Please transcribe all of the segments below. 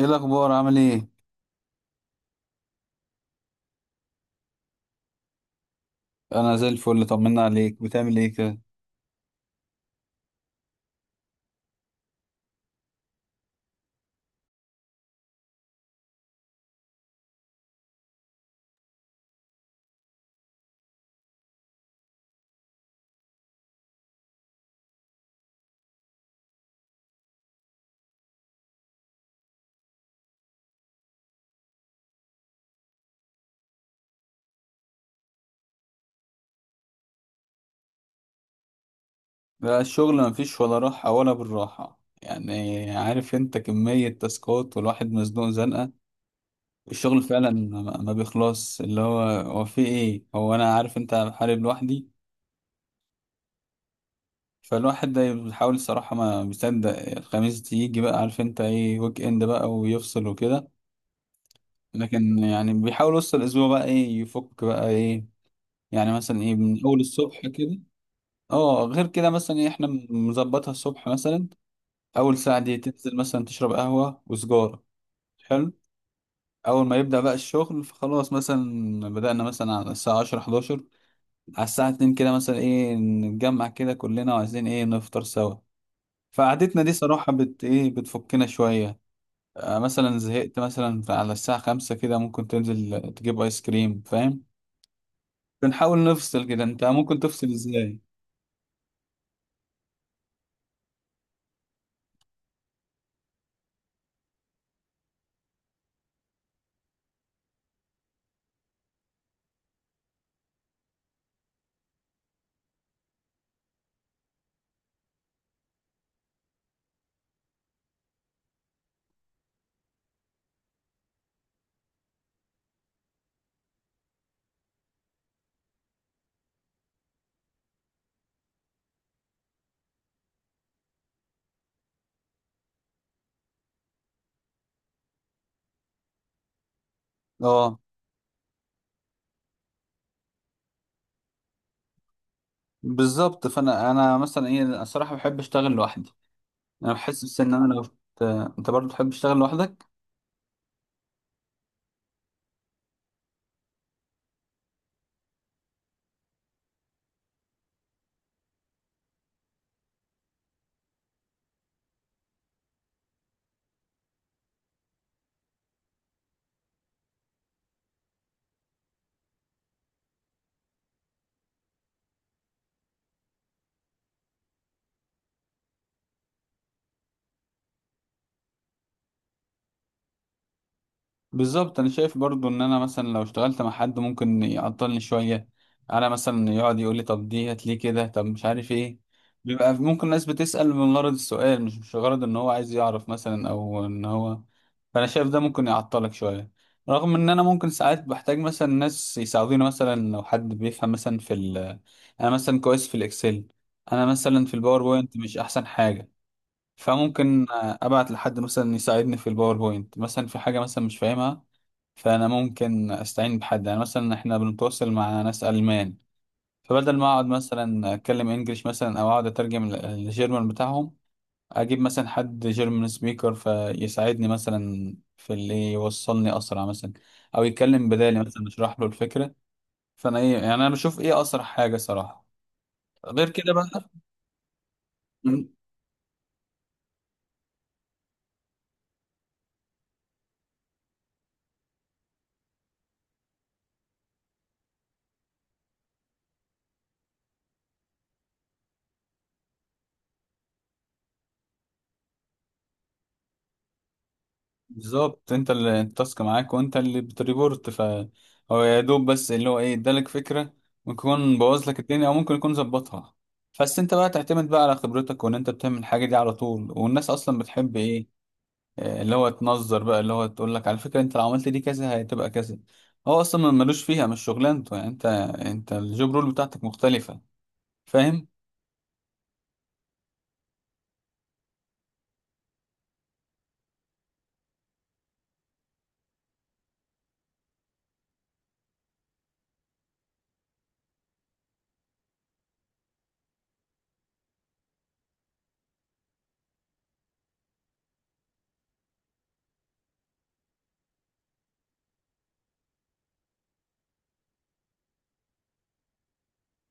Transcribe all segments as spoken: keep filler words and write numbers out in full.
ايه الاخبار؟ عامل ايه؟ انا زي الفل، طمنا عليك، بتعمل ايه كده؟ لا، الشغل مفيش ولا راحه ولا بالراحه، يعني عارف انت، كميه تاسكات والواحد مزنوق زنقه. الشغل فعلا ما ما بيخلص، اللي هو هو في ايه، هو انا عارف انت، بحارب لوحدي. فالواحد ده بيحاول الصراحه ما بيصدق الخميس تيجي بقى، عارف انت ايه، ويك اند بقى ويفصل وكده. لكن يعني بيحاول وسط الاسبوع بقى ايه يفك بقى ايه. يعني مثلا ايه، من اول الصبح كده. اه، غير كده مثلا إيه، احنا مظبطها الصبح مثلا، اول ساعة دي تنزل مثلا تشرب قهوة وسجارة. حلو. اول ما يبدأ بقى الشغل فخلاص، مثلا بدأنا مثلا على الساعة عشرة حداشر، على الساعة اتنين كده مثلا ايه نتجمع كده كلنا، وعايزين ايه نفطر سوا. فقعدتنا دي صراحة بت ايه، بتفكنا شوية. آه مثلا زهقت مثلا على الساعة خمسة كده، ممكن تنزل تجيب ايس كريم، فاهم. بنحاول نفصل كده. انت ممكن تفصل ازاي؟ اه. بالظبط، فانا انا مثلا ايه الصراحه بحب اشتغل لوحدي. انا بحس بس ان انا لو ت- انت برضه بتحب تشتغل لوحدك؟ بالظبط، انا شايف برضو ان انا مثلا لو اشتغلت مع حد ممكن يعطلني شويه. انا مثلا يقعد يقول لي طب دي هات ليه كده، طب مش عارف ايه. بيبقى ممكن ناس بتسأل من غرض السؤال، مش مش غرض ان هو عايز يعرف مثلا، او ان هو، فانا شايف ده ممكن يعطلك شويه. رغم ان انا ممكن ساعات بحتاج مثلا ناس يساعدوني، مثلا لو حد بيفهم مثلا في ال، انا مثلا كويس في الاكسل، انا مثلا في الباوربوينت مش احسن حاجه. فممكن ابعت لحد مثلا يساعدني في الباوربوينت، مثلا في حاجه مثلا مش فاهمها. فانا ممكن استعين بحد، يعني مثلا احنا بنتواصل مع ناس المان، فبدل ما اقعد مثلا اتكلم انجليش مثلا، او اقعد اترجم ال- الجيرمان بتاعهم، اجيب مثلا حد جيرمان سبيكر فيساعدني مثلا في اللي يوصلني اسرع مثلا، او يتكلم بدالي مثلا، اشرح له الفكره. فانا ايه يعني، انا بشوف ايه اسرع حاجه صراحه. غير كده بقى، بالظبط، انت اللي التاسك معاك وانت اللي بتريبورت، فهو يا دوب بس اللي هو ايه، ادالك فكره، ممكن يكون بوظ لك الدنيا او ممكن يكون ظبطها. بس انت بقى تعتمد بقى على خبرتك، وان انت بتعمل الحاجه دي على طول، والناس اصلا بتحب ايه، اه، اللي هو تنظر بقى، اللي هو تقول لك على فكره انت لو عملت دي كذا هتبقى كذا. هو اصلا ملوش فيها، مش شغلانته، يعني انت، انت الجوب رول بتاعتك مختلفه، فاهم.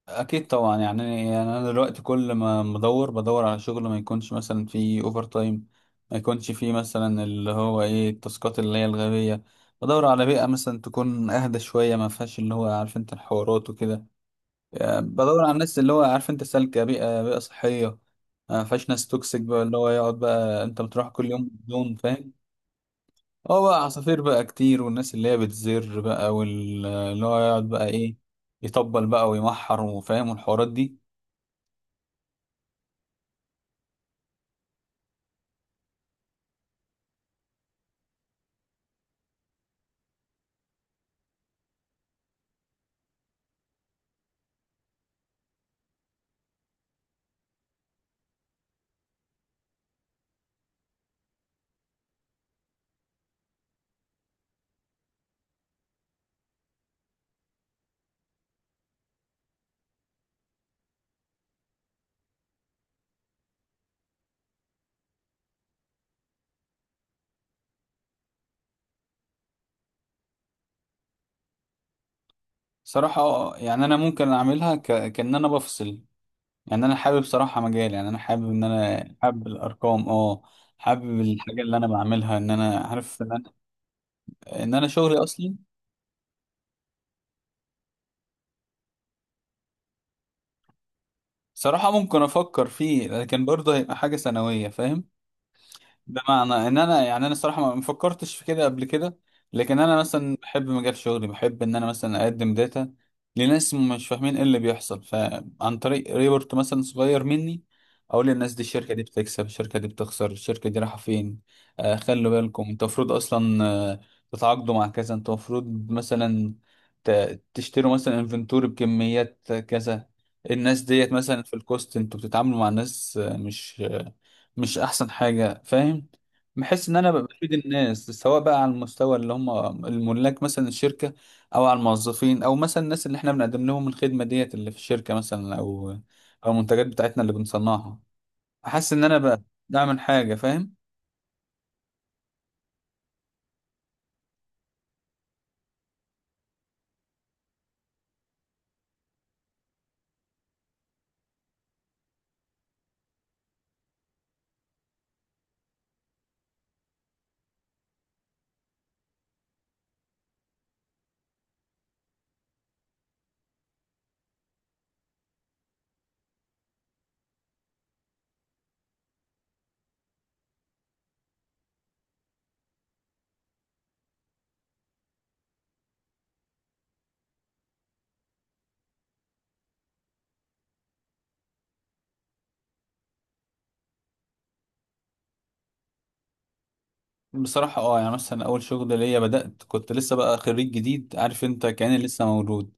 اكيد طبعا. يعني انا دلوقتي كل ما بدور بدور على شغل ما يكونش مثلا فيه اوفر تايم، ما يكونش فيه مثلا اللي هو ايه التاسكات اللي هي الغبيه. بدور على بيئه مثلا تكون اهدى شويه، ما فيهاش اللي هو عارف انت الحوارات وكده. يعني بدور على الناس اللي هو عارف انت سالكه، بيئه بيئه صحيه، ما فيهاش ناس توكسيك بقى، اللي هو يقعد بقى انت بتروح كل يوم بدون، فاهم. هو بقى عصافير بقى كتير، والناس اللي هي بتزر بقى، واللي هو يقعد بقى ايه، يطبل بقى ويمحر وفاهم، والحوارات دي. صراحة آه، يعني أنا ممكن أعملها ك... كأن أنا بفصل. يعني أنا حابب صراحة مجال، يعني أنا حابب إن أنا حابب الأرقام أه حابب الحاجة اللي أنا بعملها، إن أنا عارف إن أنا، إن أنا شغلي أصلا. صراحة ممكن أفكر فيه، لكن برضه هيبقى حاجة ثانوية، فاهم. بمعنى ان انا، يعني انا الصراحه ما ما فكرتش في كده قبل كده. لكن انا مثلا بحب مجال شغلي، بحب ان انا مثلا اقدم داتا لناس مش فاهمين ايه اللي بيحصل، فعن طريق ريبورت مثلا صغير مني، اقول للناس دي الشركه دي بتكسب، الشركه دي بتخسر، الشركه دي رايحه فين. آه خلوا بالكم، انتوا المفروض اصلا آه، تتعاقدوا مع كذا، انتوا المفروض مثلا ت- تشتروا مثلا انفنتوري بكميات كذا، الناس ديت مثلا في الكوست انتوا بتتعاملوا مع ناس آه، مش مش احسن حاجه، فاهم. بحس ان انا ببقى بفيد الناس، سواء بقى على المستوى اللي هم الملاك مثلا الشركه، او على الموظفين، او مثلا الناس اللي احنا بنقدم لهم الخدمه ديت اللي في الشركه مثلا، او او المنتجات بتاعتنا اللي بنصنعها. احس ان انا بقى بعمل حاجه، فاهم. بصراحه اه، يعني مثلا اول شغل ليا بدات كنت لسه بقى خريج جديد، عارف انت، كاني لسه مولود.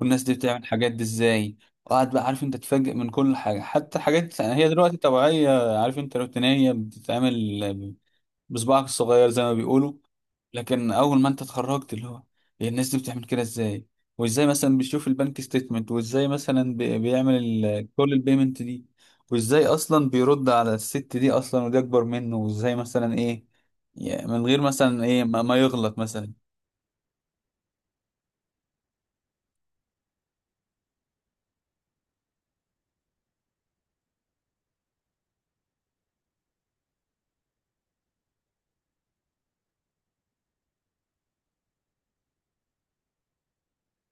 والناس دي بتعمل الحاجات دي ازاي؟ وقعد بقى عارف انت تتفاجئ من كل حاجه، حتى حاجات هي دلوقتي طبيعيه عارف انت، روتينيه بتتعمل بصباعك الصغير زي ما بيقولوا. لكن اول ما انت اتخرجت اللي هو، إيه الناس دي بتعمل كده ازاي؟ وازاي مثلا بيشوف البنك ستيتمنت، وازاي مثلا بي- بيعمل ال- كل البيمنت دي، وازاي اصلا بيرد على الست دي اصلا ودي اكبر منه، وازاي مثلا ايه، يعني من غير مثلا ايه ما, ما يغلط مثلا.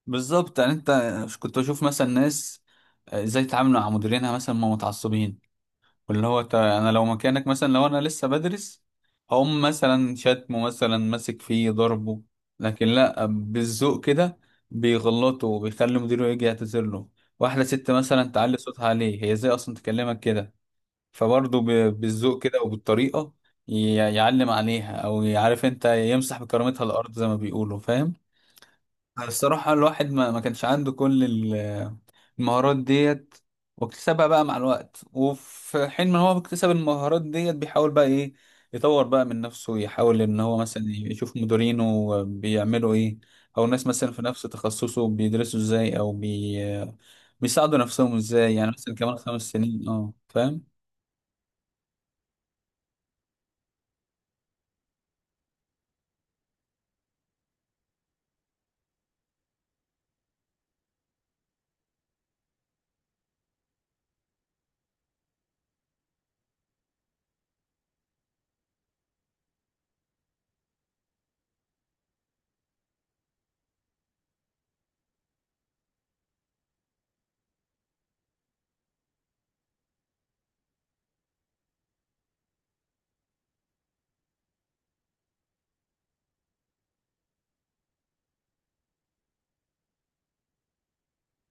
بالظبط. يعني انت كنت بشوف مثلا ناس آه، ازاي يتعاملوا مع مديرينها مثلا ما متعصبين. واللي هو تا- انا لو مكانك مثلا، لو انا لسه بدرس، هقوم مثلا شتمه مثلا ماسك فيه ضربه، لكن لا، بالذوق كده، بيغلطه وبيخلي مديره يجي يعتذر له. واحده ست مثلا تعلي صوتها عليه، هي ازاي اصلا تكلمك كده؟ فبرضه ب- بالذوق كده وبالطريقه ي- يعلم عليها، او يعرف انت يمسح بكرامتها الارض زي ما بيقولوا، فاهم. الصراحه الواحد ما ما كانش عنده كل المهارات ديت، واكتسبها بقى مع الوقت، وفي حين ما هو بيكتسب المهارات ديت، بيحاول بقى ايه يطور بقى من نفسه، يحاول ان هو مثلا يشوف مديرينه بيعملوا ايه، او ناس مثلا في نفس تخصصه بيدرسوا ازاي، او بي... بيساعدوا نفسهم ازاي، يعني مثلا كمان خمس سنين اه فاهم.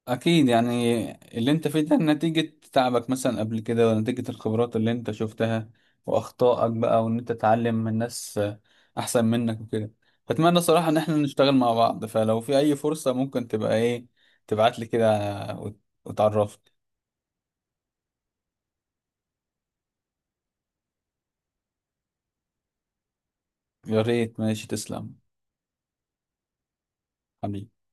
اكيد. يعني اللي انت فيه ده نتيجة تعبك مثلا قبل كده، ونتيجة الخبرات اللي انت شفتها واخطائك بقى، وان انت تتعلم من ناس احسن منك وكده. فاتمنى صراحة ان احنا نشتغل مع بعض، فلو في اي فرصة ممكن تبقى ايه تبعت لي كده، وت- وتعرفني. يا ريت، ماشي، تسلم. حبيبي.